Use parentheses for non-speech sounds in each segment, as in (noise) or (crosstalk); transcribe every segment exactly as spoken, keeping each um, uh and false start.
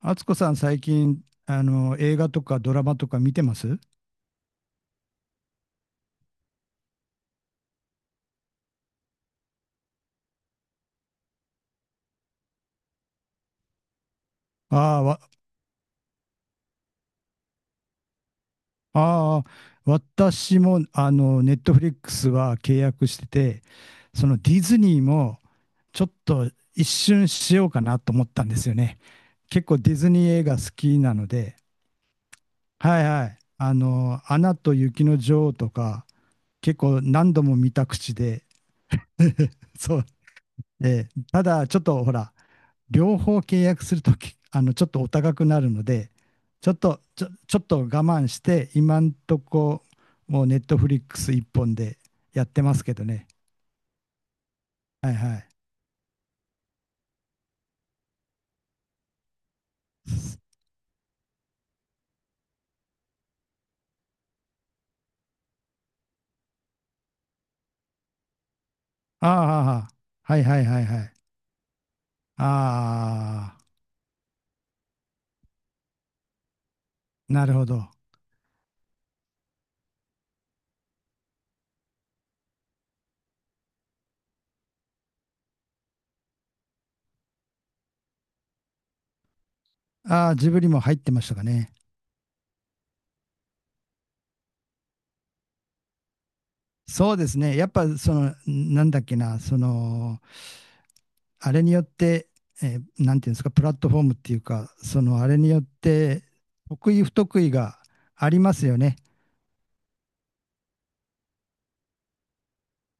敦子さん、最近、あの、映画とかドラマとか見てます？ああ、わ、ああ、私も、あの、ネットフリックスは契約してて、そのディズニーも、ちょっと一瞬しようかなと思ったんですよね。結構ディズニー映画好きなので、はいはい。あの、アナと雪の女王とか、結構何度も見た口で、そう。で、ただ、ちょっとほら、両方契約するとき、あの、ちょっとお高くなるので、ちょっと、ちょ、ちょっと我慢して、今んとこ、もうネットフリックス一本でやってますけどね。はいはい。ああ、はいはいはいはい。ああ、なるほど。ああ、ジブリも入ってましたかね。そうですね。やっぱ、その、なんだっけな、その、あれによって、えーなんていうんですか、プラットフォームっていうか、その、あれによって、得意不得意がありますよね。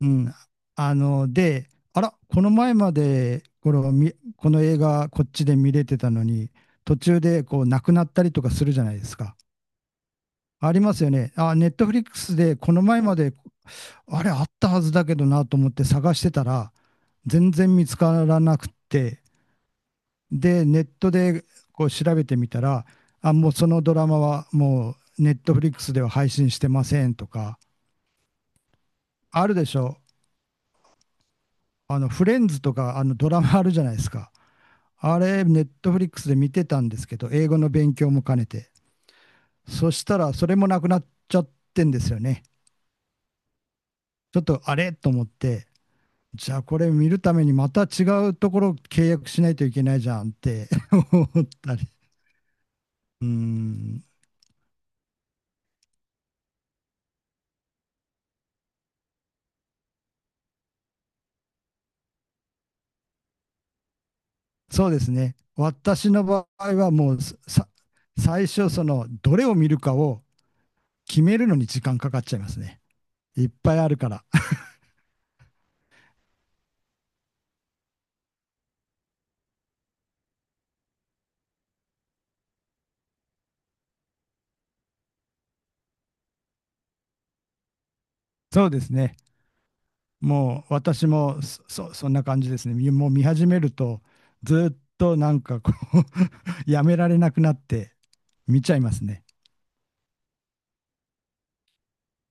うん。あの、で、あら、この前まで、この、みこの映画、こっちで見れてたのに、途中で、こう、なくなったりとかするじゃないですか。ありますよね。あ、ネットフリックスで、この前まで、あれ、あったはずだけどなと思って探してたら、全然見つからなくって、で、ネットで、こう、調べてみたら、あ、もうそのドラマは、もう、ネットフリックスでは配信してませんとか、あるでしょ。あの、フレンズとか、あの、ドラマあるじゃないですか。あれ、ネットフリックスで見てたんですけど、英語の勉強も兼ねて。そしたら、それもなくなっちゃってんですよね。ちょっとあれと思って、じゃあこれ見るためにまた違うところ契約しないといけないじゃんって (laughs) 思ったり。うーん、そうですね。私の場合はもうさ、最初その、どれを見るかを決めるのに時間かかっちゃいますね。いっぱいあるから。そうですね。もう私もそ、そんな感じですね。みもう見始めると、ずっとなんかこう (laughs) やめられなくなって見ちゃいますね。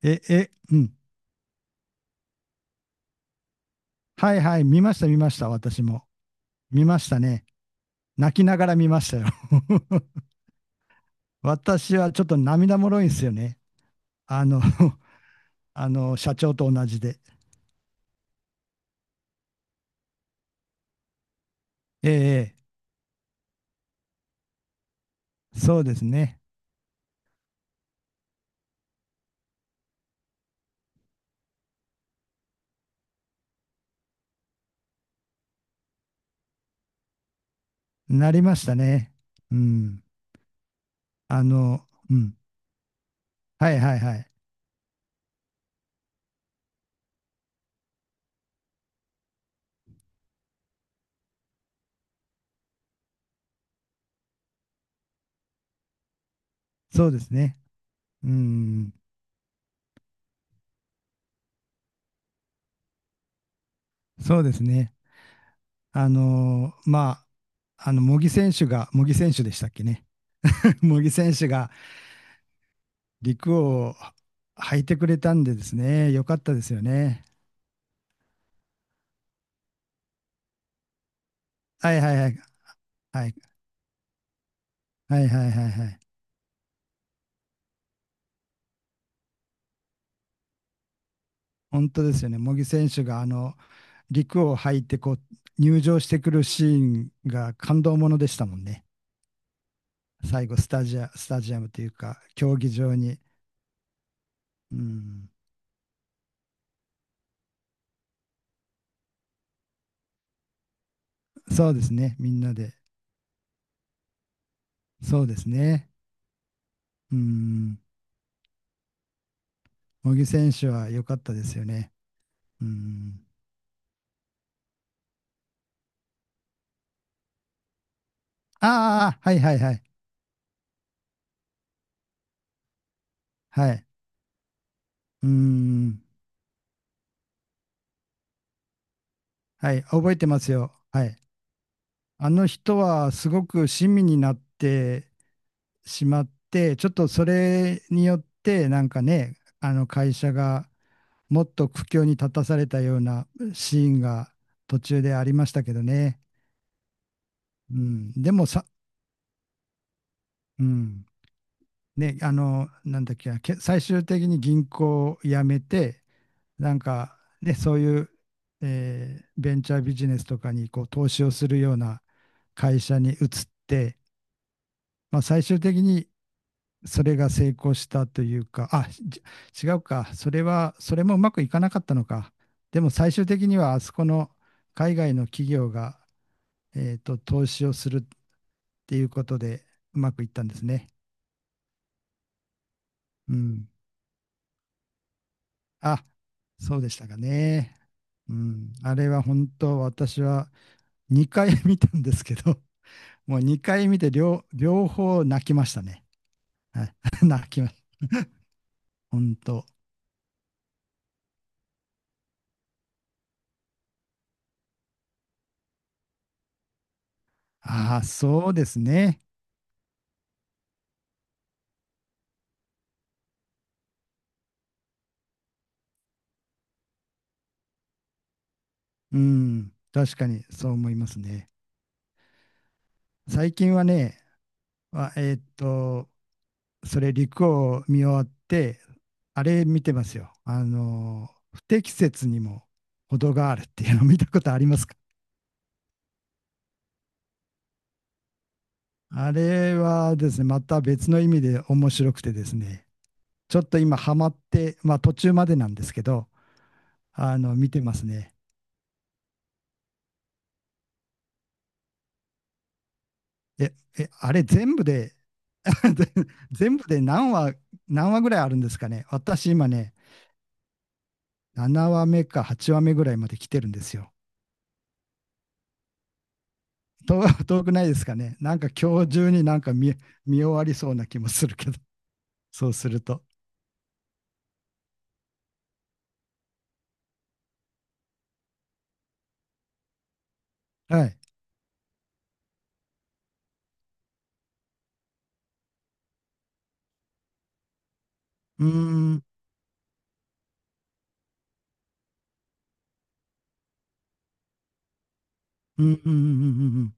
え、え、うん。はいはい、見ました、見ました、私も。見ましたね。泣きながら見ましたよ。(laughs) 私はちょっと涙もろいんですよね。あの (laughs) あの、社長と同じで。ええ、ええ、そうですね。なりましたね。うん。あの、うん。はいはいはい。そうですね。うん。そうですね。あのーまあ、あの、茂木選手が、茂木選手でしたっけね。(laughs) 茂木選手が陸を履いてくれたんでですね、よかったですよね。はいはいはい。はい、はいはいはいはい。本当ですよね。茂木選手が、あの、陸を履いて、こう、入場してくるシーンが感動ものでしたもんね。最後、スタジア、スタジアムというか、競技場に。うん、そうですね。みんなで。そうですね。うん、茂木選手は良かったですよね。うん。ああ、はいはいはい。はい。うーん。はい。覚えてますよ。はい。あの人はすごく親身になってしまって、ちょっとそれによってなんかね、あの会社がもっと苦境に立たされたようなシーンが途中でありましたけどね。うん。でもさ、うん。ね、あの、なんだっけな、け最終的に銀行を辞めて、なんか、ね、そういう、えーベンチャービジネスとかにこう投資をするような会社に移って、まあ、最終的にそれが成功したというか、あ、じ違うか、それは、それもうまくいかなかったのか。でも最終的にはあそこの海外の企業が、えーと、投資をするっていうことでうまくいったんですね。うん。あ、そうでしたかね。うん。あれは本当私はにかい (laughs) 見たんですけどもうにかい見て両、両方泣きましたね。はい (laughs) 泣きました。本当。ああ、そうですね。うん。確かにそう思いますね。最近はね、あえーっと、それ、陸を見終わって、あれ見てますよ。あの、不適切にも程があるっていうの見たことありますか？あれはですね、また別の意味で面白くてですね、ちょっと今ハマって、まあ途中までなんですけど、あの、見てますね。え、え、あれ全部で、(laughs) 全部で何話、何話ぐらいあるんですかね。私今ね、ななわめかはちわめぐらいまで来てるんですよ。遠 (laughs) 遠くないですかね。なんか今日中になんか見、見終わりそうな気もするけど、そうすると。はい。うーん、うん、うん、うん、うん、うん。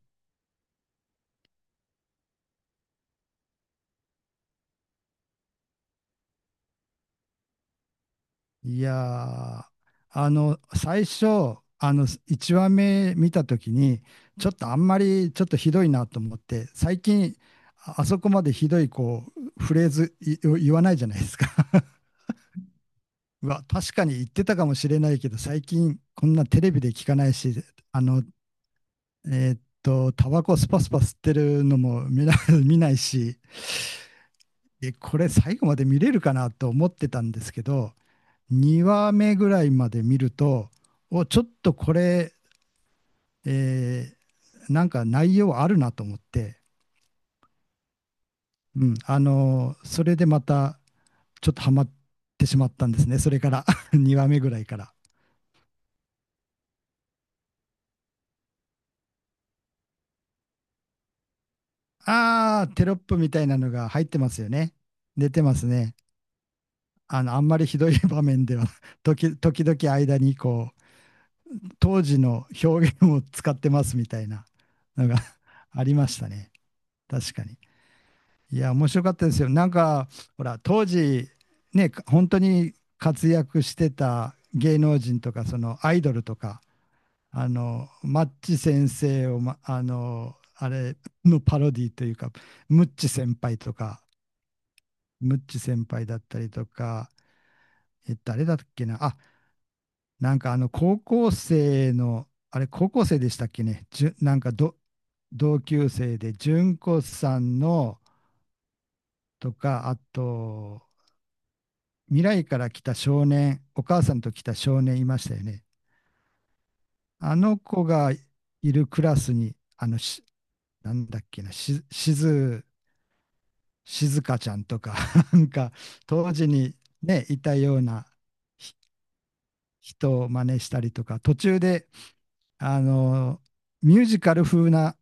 いやー、あの、最初、あの、いちわめ見たときに、ちょっとあんまり、ちょっとひどいなと思って、最近、ああそこまでひどい、こう、フレーズい言わないじゃないですか。(laughs) うわ、確かに言ってたかもしれないけど、最近、こんなテレビで聞かないし、あの、えーっと、タバコスパスパ吸ってるのも見な、(laughs) 見ないし、え、これ最後まで見れるかなと思ってたんですけど、にわめぐらいまで見ると、お、ちょっとこれ、えーなんか内容あるなと思って、うん、あのーそれでまたちょっとハマってしまったんですね。それから (laughs) にわめぐらいから。あー、テロップみたいなのが入ってますよね。出てますね。あの、あんまりひどい場面では (laughs) 時、時々間にこう、当時の表現を使ってますみたいなのが (laughs) ありましたね。確かに。いや、面白かったですよ。なんか、ほら、当時、ね、本当に活躍してた芸能人とか、そのアイドルとか、あの、マッチ先生を、ま、あの、あれのパロディというか、ムッチ先輩とか、ムッチ先輩だったりとか、え、誰だっけな、あ、なんかあの、高校生の、あれ、高校生でしたっけね、じゅ、なんかど、同級生で、純子さんのとか、あと、未来から来た少年、お母さんと来た少年いましたよね。あの子がいるクラスに、あのし、なんだっけな、し、しず、静香ちゃんとか、(laughs) なんか、当時にね、いたようなひ人を真似したりとか、途中で、あの、ミュージカル風な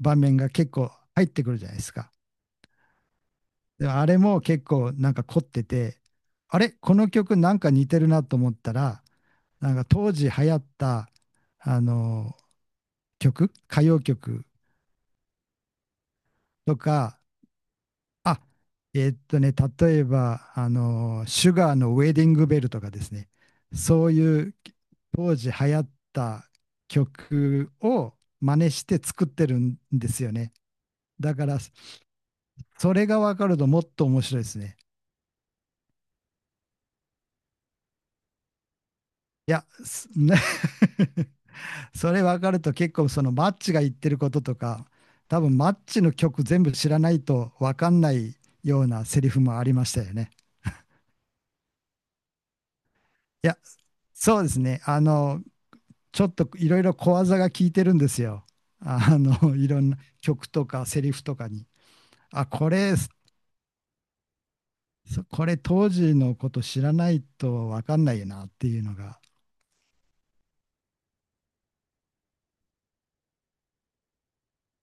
場面が結構入ってくるじゃないですか。であれも結構なんか凝ってて、あれこの曲なんか似てるなと思ったら、なんか当時流行ったあの曲、歌謡曲とか、あ、えーっとね、例えば、あの、シュガーのウェディングベルとかですね、そういう当時流行った曲を真似して作ってるんですよね。だから、それが分かるともっと面白いですね。いや、す (laughs) それ分かると結構そのマッチが言ってることとか、多分マッチの曲全部知らないと分かんないようなセリフもありましたよね。いや、そうですね。あの、ちょっといろいろ小技が効いてるんですよ。あの、(laughs) いろんな曲とかセリフとかに。あ、これ、そこれ当時のこと知らないと分かんないよなっていうのが。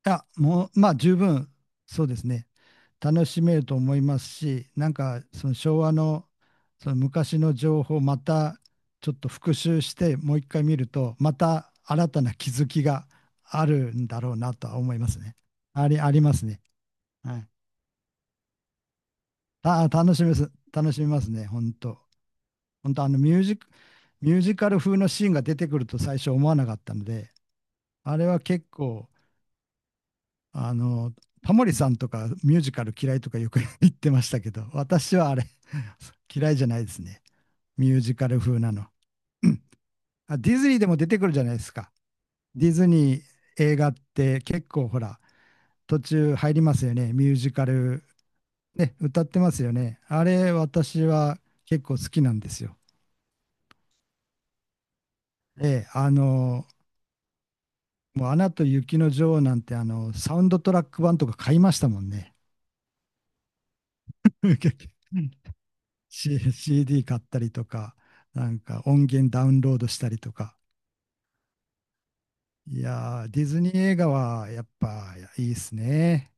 いや、もう、まあ十分、そうですね。楽しめると思いますし、なんかその昭和の、その昔の情報をまたちょっと復習してもう一回見ると、また新たな気づきがあるんだろうなとは思いますね。あり、ありますね。はい。た、楽しみます。楽しみますね。本当。本当あのミュージック、ミュージカル風のシーンが出てくると最初思わなかったので、あれは結構、あの、タモリさんとかミュージカル嫌いとかよく (laughs) 言ってましたけど、私はあれ (laughs) 嫌いじゃないですね。ミュージカル風なの。あ、ディズニーでも出てくるじゃないですか。ディズニー映画って結構ほら、途中入りますよね。ミュージカル、ね、歌ってますよね。あれ、私は結構好きなんですよ。ええ、あの、もうアナと雪の女王なんて、あの、サウンドトラック版とか買いましたもんね。(laughs) C- シーディー 買ったりとか、なんか音源ダウンロードしたりとか。いやー、ディズニー映画はやっぱいいっすね。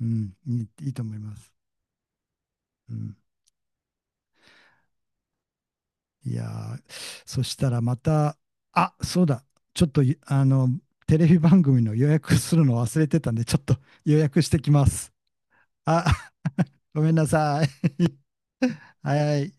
うん、いい、いいと思います。うん、いやー、そしたらまた、あ、そうだ、ちょっとい、あの、テレビ番組の予約するの忘れてたんで、ちょっと予約してきます。あ、(laughs) ごめんなさい。(laughs) はい。